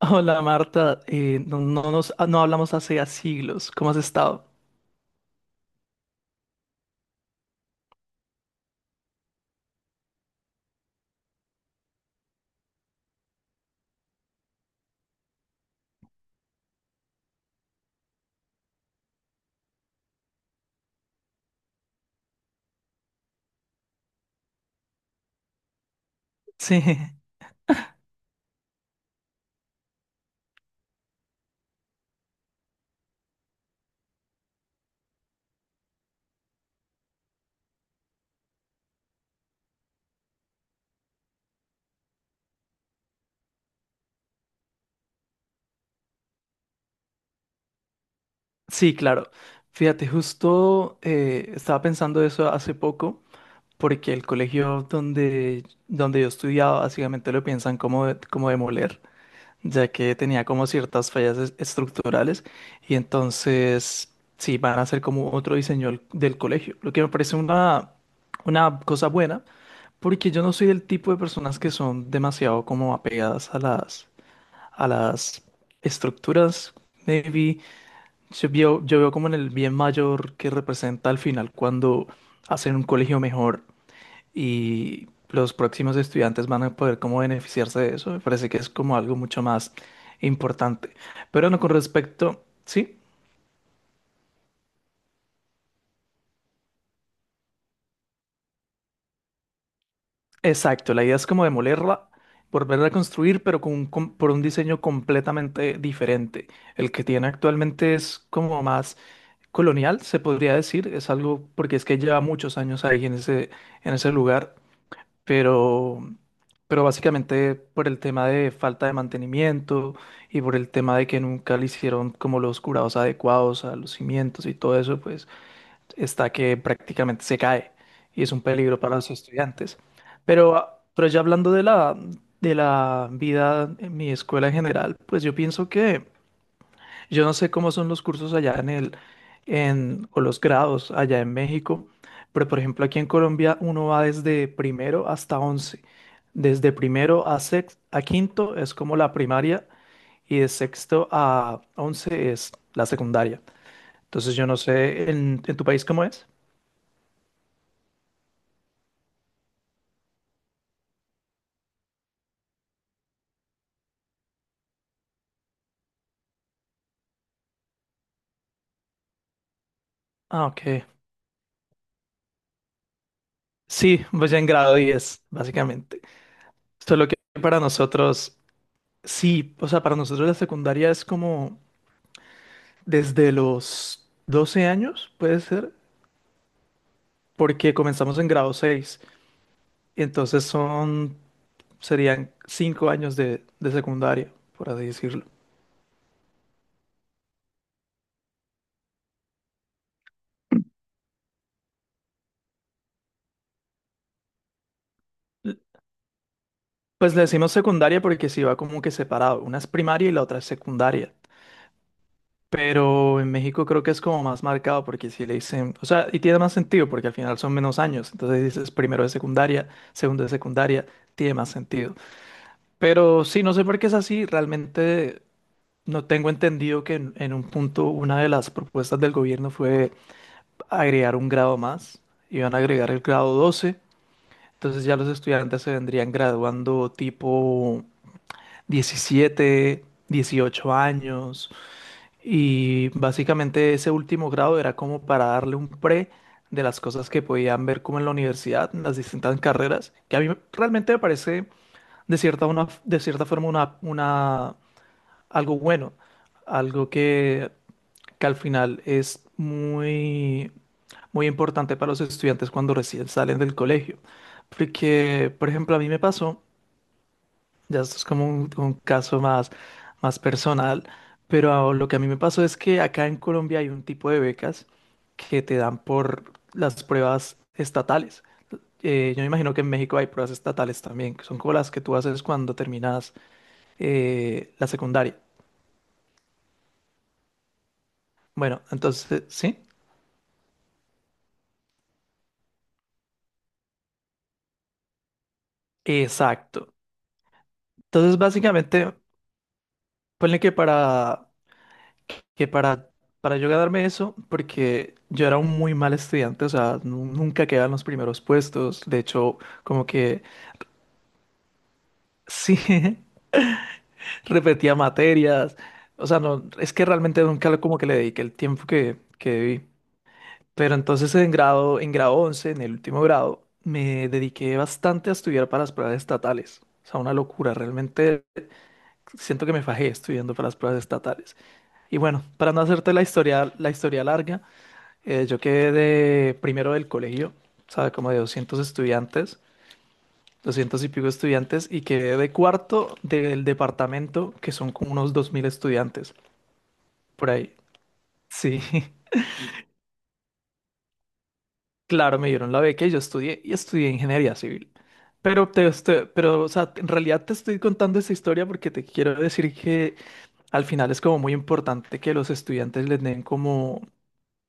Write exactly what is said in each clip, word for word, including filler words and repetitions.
Hola Marta. Eh, no, no nos, ah, no hablamos hace ya siglos. ¿Cómo has estado? Sí, sí, claro. Fíjate, justo eh, estaba pensando eso hace poco, porque el colegio donde, donde yo estudiaba básicamente lo piensan como, de- como demoler, ya que tenía como ciertas fallas es- estructurales, y entonces sí, van a hacer como otro diseño del del colegio, lo que me parece una, una cosa buena. Porque yo no soy del tipo de personas que son demasiado como apegadas a las, a las estructuras. Maybe yo veo, yo veo como en el bien mayor que representa al final cuando hacen un colegio mejor, y los próximos estudiantes van a poder como beneficiarse de eso. Me parece que es como algo mucho más importante. Pero no, con respecto, sí. Exacto, la idea es como demolerla, volverla a construir, pero con un, com- por un diseño completamente diferente. El que tiene actualmente es como más colonial, se podría decir. Es algo porque es que lleva muchos años ahí en ese, en ese lugar, pero, pero básicamente por el tema de falta de mantenimiento y por el tema de que nunca le hicieron como los curados adecuados a los cimientos y todo eso, pues está que prácticamente se cae y es un peligro para los estudiantes. Pero, ah, pero ya hablando de la, de la vida en mi escuela en general, pues yo pienso que yo no sé cómo son los cursos allá en el, en, o los grados allá en México, pero por ejemplo aquí en Colombia uno va desde primero hasta once. Desde primero a sex- a quinto es como la primaria, y de sexto a once es la secundaria. Entonces yo no sé, ¿en, en tu país cómo es? Ah, ok. Sí, voy en grado diez, básicamente. Solo que para nosotros, sí, o sea, para nosotros la secundaria es como desde los doce años, puede ser, porque comenzamos en grado seis, y entonces son, serían cinco años de, de secundaria, por así decirlo. L- Pues le decimos secundaria porque sí va como que separado, una es primaria y la otra es secundaria. Pero en México creo que es como más marcado porque si le dicen, o sea, y tiene más sentido porque al final son menos años, entonces dices primero de secundaria, segundo de secundaria, tiene más sentido. Pero sí, no sé por qué es así, realmente no tengo entendido que en, en un punto una de las propuestas del gobierno fue agregar un grado más, iban a agregar el grado doce, entonces ya los estudiantes se vendrían graduando tipo diecisiete, dieciocho años. Y básicamente ese último grado era como para darle un pre de las cosas que podían ver como en la universidad, en las distintas carreras, que a mí me- realmente me parece de cierta, una, de cierta forma una, una, algo bueno, algo que, que al final es muy, muy importante para los estudiantes cuando recién salen del colegio. Porque, por ejemplo, a mí me pasó, ya esto es como un, un caso más, más personal, pero a- lo que a mí me pasó es que acá en Colombia hay un tipo de becas que te dan por las pruebas estatales. Eh, yo me imagino que en México hay pruebas estatales también, que son como las que tú haces cuando terminas eh, la secundaria. Bueno, entonces, eh, ¿sí? Exacto. Entonces, básicamente, ponle que para, que para, para yo ganarme eso, porque yo era un muy mal estudiante, o sea, nu- nunca quedaba en los primeros puestos, de hecho, como que sí, repetía materias, o sea, no, es que realmente nunca lo- como que le dediqué el tiempo que, que debí. Pero entonces en grado, en grado once en el último grado, me dediqué bastante a estudiar para las pruebas estatales. O sea, una locura, realmente siento que me fajé estudiando para las pruebas estatales. Y bueno, para no hacerte la historia, la historia larga, Eh, yo quedé primero del colegio, ¿sabes? Como de doscientos estudiantes, doscientos y pico estudiantes, y quedé de cuarto del departamento, que son como unos dos mil estudiantes, por ahí. Sí, claro, me dieron la beca y yo estudié, y estudié ingeniería civil. Pero, te, estoy- pero, o sea, en realidad te estoy contando esta historia porque te quiero decir que al final es como muy importante que los estudiantes les den como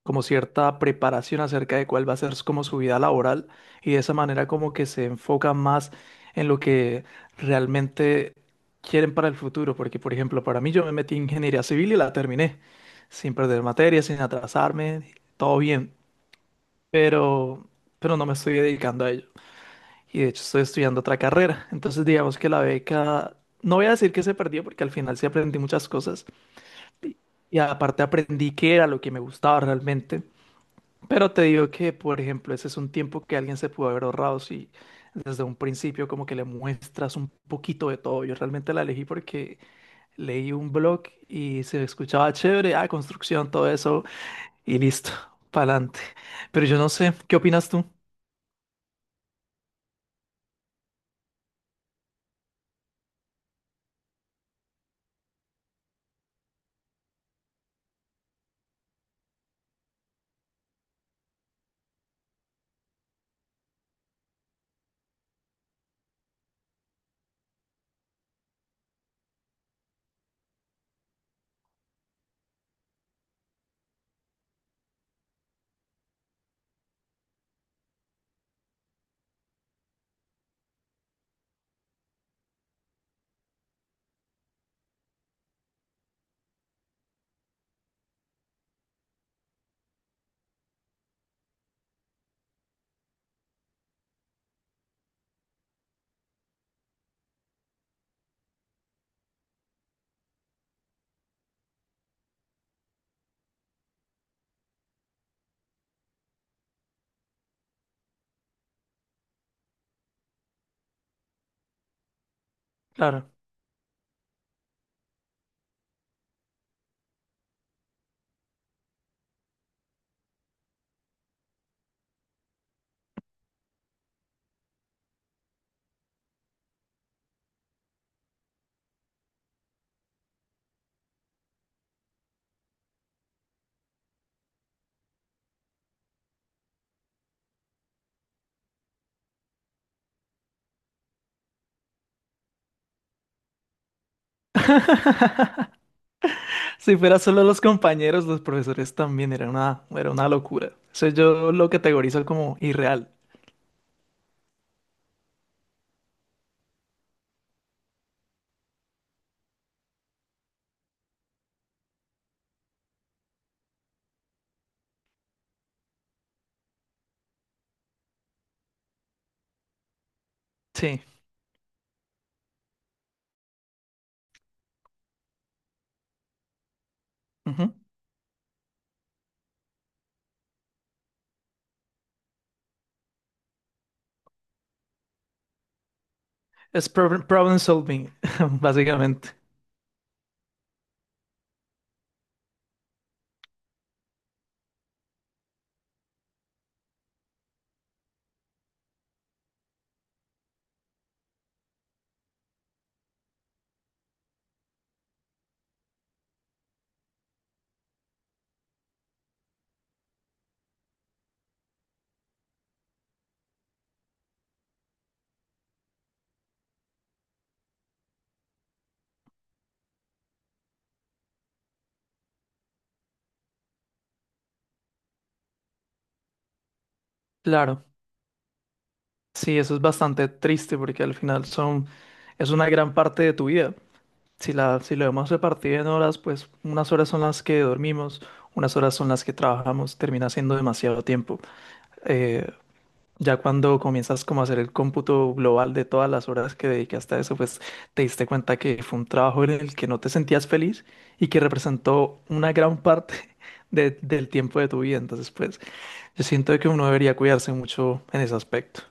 como cierta preparación acerca de cuál va a ser como su vida laboral, y de esa manera como que se enfocan más en lo que realmente quieren para el futuro, porque por ejemplo, para mí yo me metí en ingeniería civil y la terminé sin perder materia, sin atrasarme, todo bien, pero pero no me estoy dedicando a ello, y de hecho estoy estudiando otra carrera, entonces digamos que la beca, no voy a decir que se perdió porque al final sí aprendí muchas cosas y aparte aprendí qué era lo que me gustaba realmente, pero te digo que, por ejemplo, ese es un tiempo que alguien se pudo haber ahorrado si desde un principio como que le muestras un poquito de todo. Yo realmente la elegí porque leí un blog y se escuchaba chévere, ah, construcción, todo eso, y listo, pa'lante. Pero yo no sé, ¿qué opinas tú? Claro. Si fuera solo los compañeros, los profesores también era una, era una locura. Eso yo lo categorizo como irreal. Sí. Ujú. Es prob- problem solving, básicamente. Claro. Sí, eso es bastante triste porque al final son, es una gran parte de tu vida. Si la, si lo hemos repartido en horas, pues unas horas son las que dormimos, unas horas son las que trabajamos, termina siendo demasiado tiempo. Eh, ya cuando comienzas como a hacer el cómputo global de todas las horas que dedicaste a eso, pues te diste cuenta que fue un trabajo en el que no te sentías feliz y que representó una gran parte de- del tiempo de tu vida. Entonces, pues yo siento que uno debería cuidarse mucho en ese aspecto.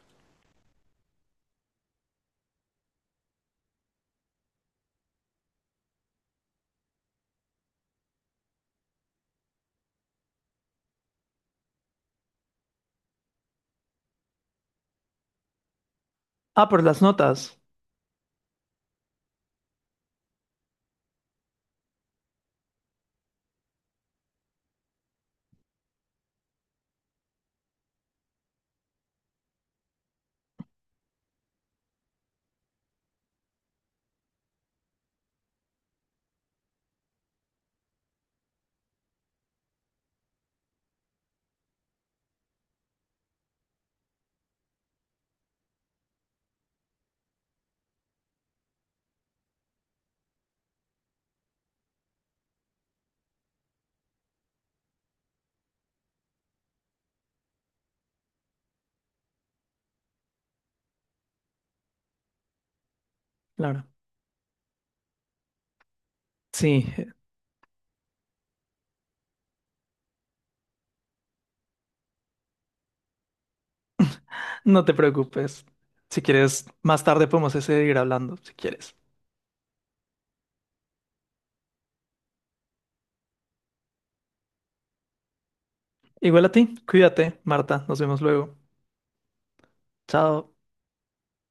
Ah, por las notas. Claro. Sí, no te preocupes. Si quieres, más tarde podemos seguir hablando, si quieres. Igual a ti, cuídate, Marta. Nos vemos luego. Chao.